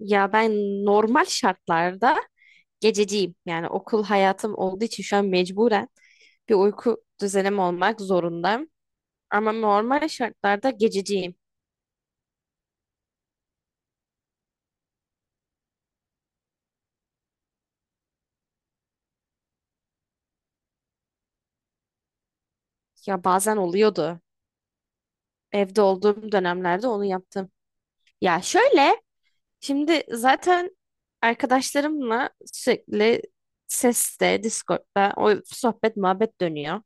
Ya ben normal şartlarda gececiyim. Yani okul hayatım olduğu için şu an mecburen bir uyku düzenim olmak zorundayım. Ama normal şartlarda gececiyim. Ya bazen oluyordu. Evde olduğum dönemlerde onu yaptım. Ya şöyle, şimdi zaten arkadaşlarımla sürekli seste, Discord'da o sohbet muhabbet dönüyor.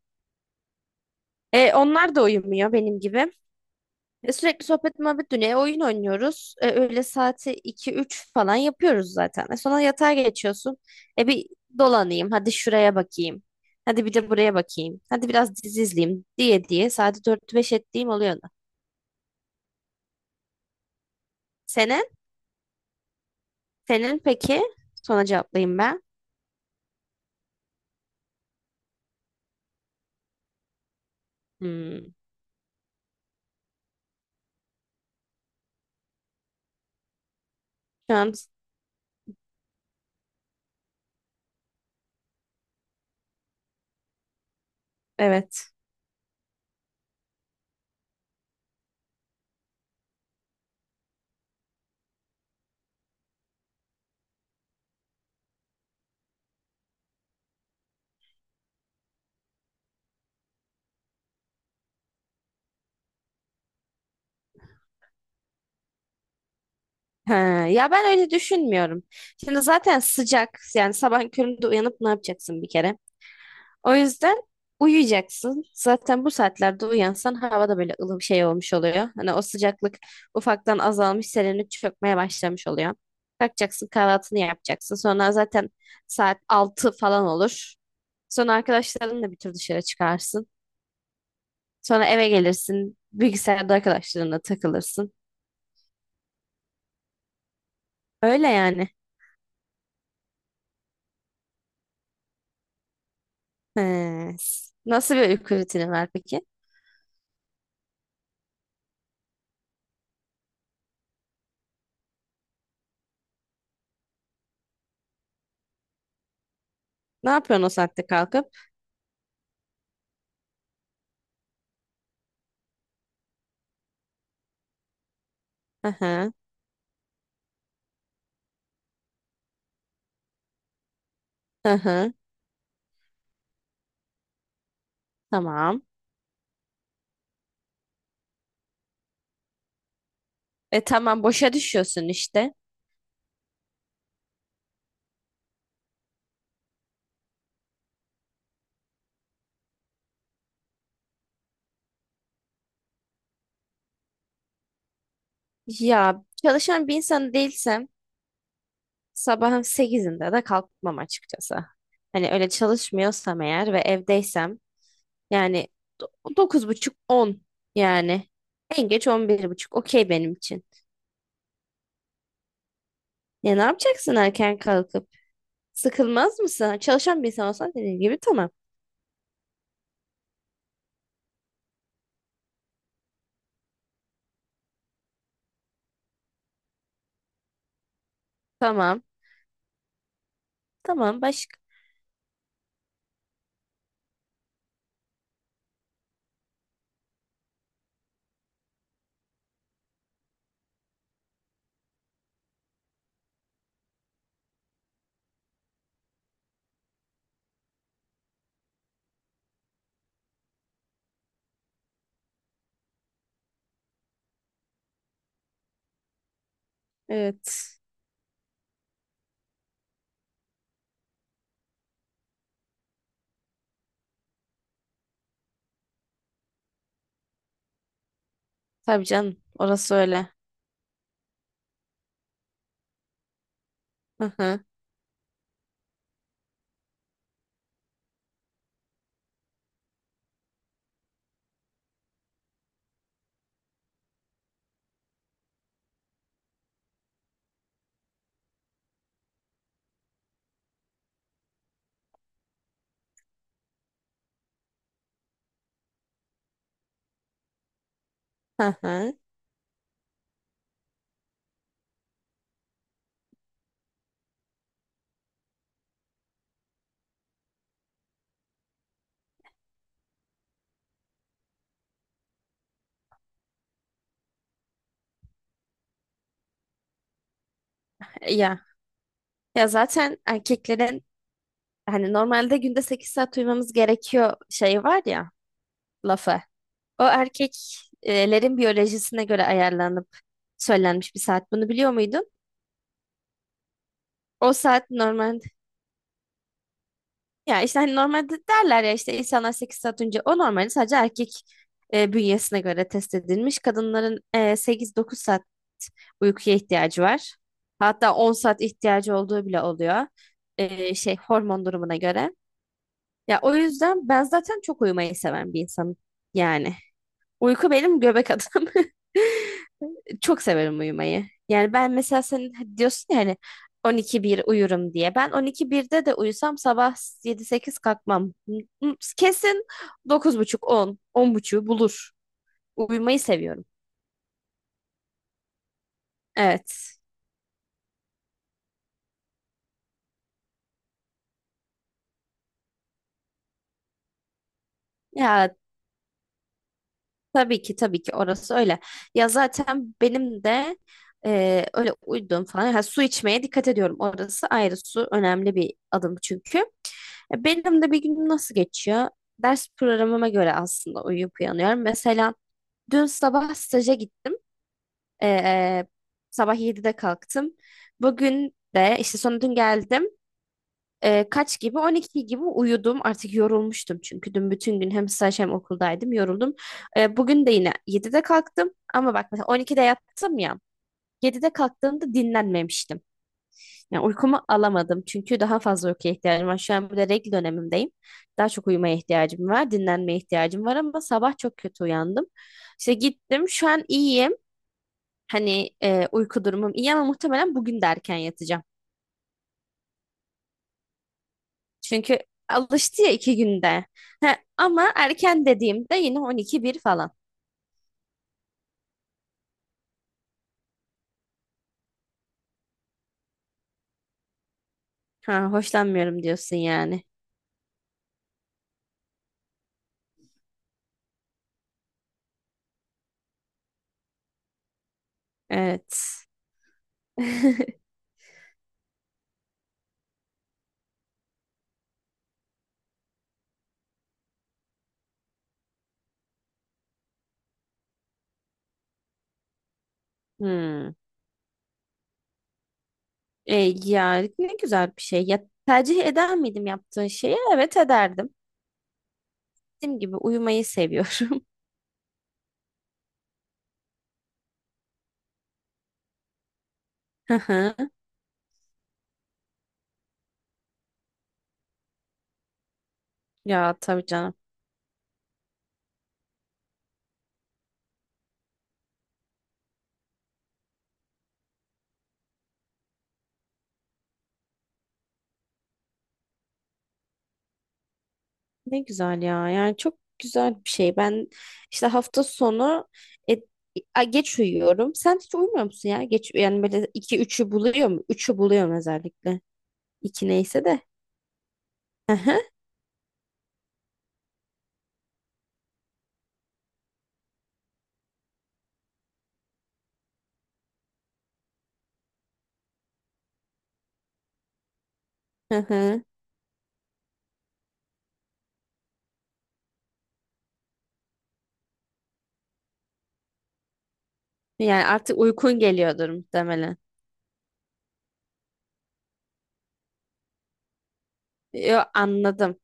Onlar da uyumuyor benim gibi. Sürekli sohbet muhabbet dönüyor. Oyun oynuyoruz. Öğle saati iki üç falan yapıyoruz zaten. Sonra yatağa geçiyorsun. Bir dolanayım. Hadi şuraya bakayım. Hadi bir de buraya bakayım. Hadi biraz dizi izleyeyim diye diye saati dört beş ettiğim oluyor. Senin? Senin peki? Sonra cevaplayayım ben. Hmm, şu an evet. Ha, ya ben öyle düşünmüyorum. Şimdi zaten sıcak. Yani sabah köründe uyanıp ne yapacaksın bir kere? O yüzden uyuyacaksın. Zaten bu saatlerde uyansan hava da böyle ılım şey olmuş oluyor. Hani o sıcaklık ufaktan azalmış, serinlik çökmeye başlamış oluyor. Kalkacaksın, kahvaltını yapacaksın. Sonra zaten saat 6 falan olur. Sonra arkadaşlarınla bir tur dışarı çıkarsın. Sonra eve gelirsin. Bilgisayarda arkadaşlarınla takılırsın. Öyle yani. He. Nasıl bir uyku rutini var peki? Ne yapıyorsun o saatte kalkıp? Hı hı. Hı hı. Tamam. Tamam boşa düşüyorsun işte. Ya çalışan bir insan değilsem sabahın 8'inde de kalkmam açıkçası. Hani öyle çalışmıyorsam eğer ve evdeysem yani dokuz buçuk on, yani en geç 11:30. Okey benim için. Ya ne yapacaksın erken kalkıp? Sıkılmaz mısın? Çalışan bir insan olsan dediğim gibi tamam. Tamam. Tamam başka. Evet. Tabii canım, orası öyle. Hı hı. Hı hı. Ya. Ya zaten erkeklerin hani normalde günde 8 saat uyumamız gerekiyor şeyi var ya, lafı. O erkeklerin biyolojisine göre ayarlanıp söylenmiş bir saat. Bunu biliyor muydun? O saat normalde, ya işte hani normalde derler ya işte, insanlar 8 saat önce, o normalde sadece erkek bünyesine göre test edilmiş. Kadınların 8-9 saat uykuya ihtiyacı var. Hatta 10 saat ihtiyacı olduğu bile oluyor. Şey hormon durumuna göre. Ya o yüzden ben zaten çok uyumayı seven bir insanım. Yani. Uyku benim göbek adım. Çok severim uyumayı. Yani ben mesela sen diyorsun ya hani 12-1 uyurum diye. Ben 12-1'de de uyusam sabah 7-8 kalkmam. Hmm, kesin 9:30-10, 10:30 bulur. Uyumayı seviyorum. Evet. Ya, tabii ki tabii ki orası öyle. Ya zaten benim de öyle uyuduğum falan. Ha, su içmeye dikkat ediyorum. Orası ayrı, su önemli bir adım çünkü. Benim de bir günüm nasıl geçiyor? Ders programıma göre aslında uyuyup uyanıyorum. Mesela dün sabah staja gittim. E, sabah 7'de kalktım. Bugün de işte, sonra dün geldim. Kaç gibi? 12 gibi uyudum. Artık yorulmuştum çünkü dün bütün gün hem staj hem okuldaydım. Yoruldum. Bugün de yine 7'de kalktım. Ama bak, mesela 12'de yattım ya. 7'de kalktığımda dinlenmemiştim. Yani uykumu alamadım. Çünkü daha fazla uykuya ihtiyacım var. Şu an bir de regl dönemimdeyim. Daha çok uyumaya ihtiyacım var. Dinlenmeye ihtiyacım var ama sabah çok kötü uyandım. İşte gittim. Şu an iyiyim. Hani uyku durumum iyi ama muhtemelen bugün de erken yatacağım. Çünkü alıştı ya, 2 günde. He, ama erken dediğimde yine on iki bir falan. Ha, hoşlanmıyorum diyorsun yani. Evet. Hmm. E, ya ne güzel bir şey. Ya, tercih eder miydim yaptığın şeyi? Evet, ederdim. Dediğim gibi uyumayı seviyorum. Hı hı. Ya tabii canım. Ne güzel ya. Yani çok güzel bir şey. Ben işte hafta sonu e, geç uyuyorum. Sen hiç uyumuyor musun ya? Geç yani, böyle iki üçü buluyor mu? 3'ü buluyorum özellikle. İki neyse de. Hı hı, hı hı. Yani artık uykun geliyordur muhtemelen. Yo, anladım.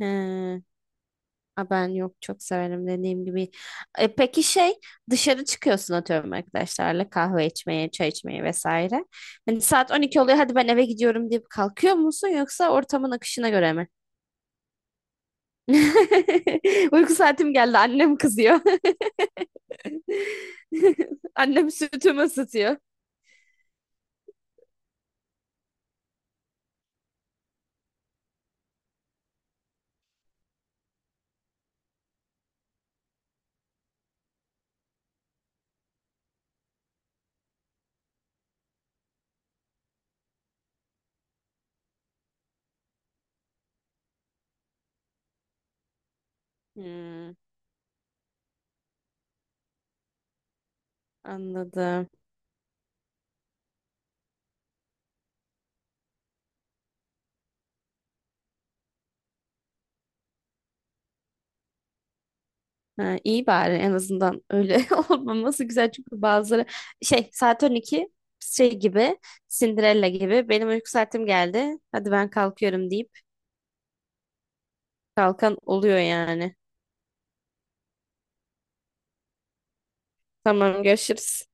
Hı. Ha, ben yok, çok severim dediğim gibi. Peki şey, dışarı çıkıyorsun atıyorum arkadaşlarla kahve içmeye, çay içmeye vesaire. Hani saat 12 oluyor, hadi ben eve gidiyorum deyip kalkıyor musun, yoksa ortamın akışına göre mi? Uyku saatim geldi, annem kızıyor. Annem sütümü ısıtıyor. Hmm, anladım. Ha, iyi, bari en azından öyle olmaması güzel, çünkü bazıları şey, saat 12 şey gibi, Cinderella gibi benim uyku saatim geldi hadi ben kalkıyorum deyip kalkan oluyor yani. Tamam, görüşürüz.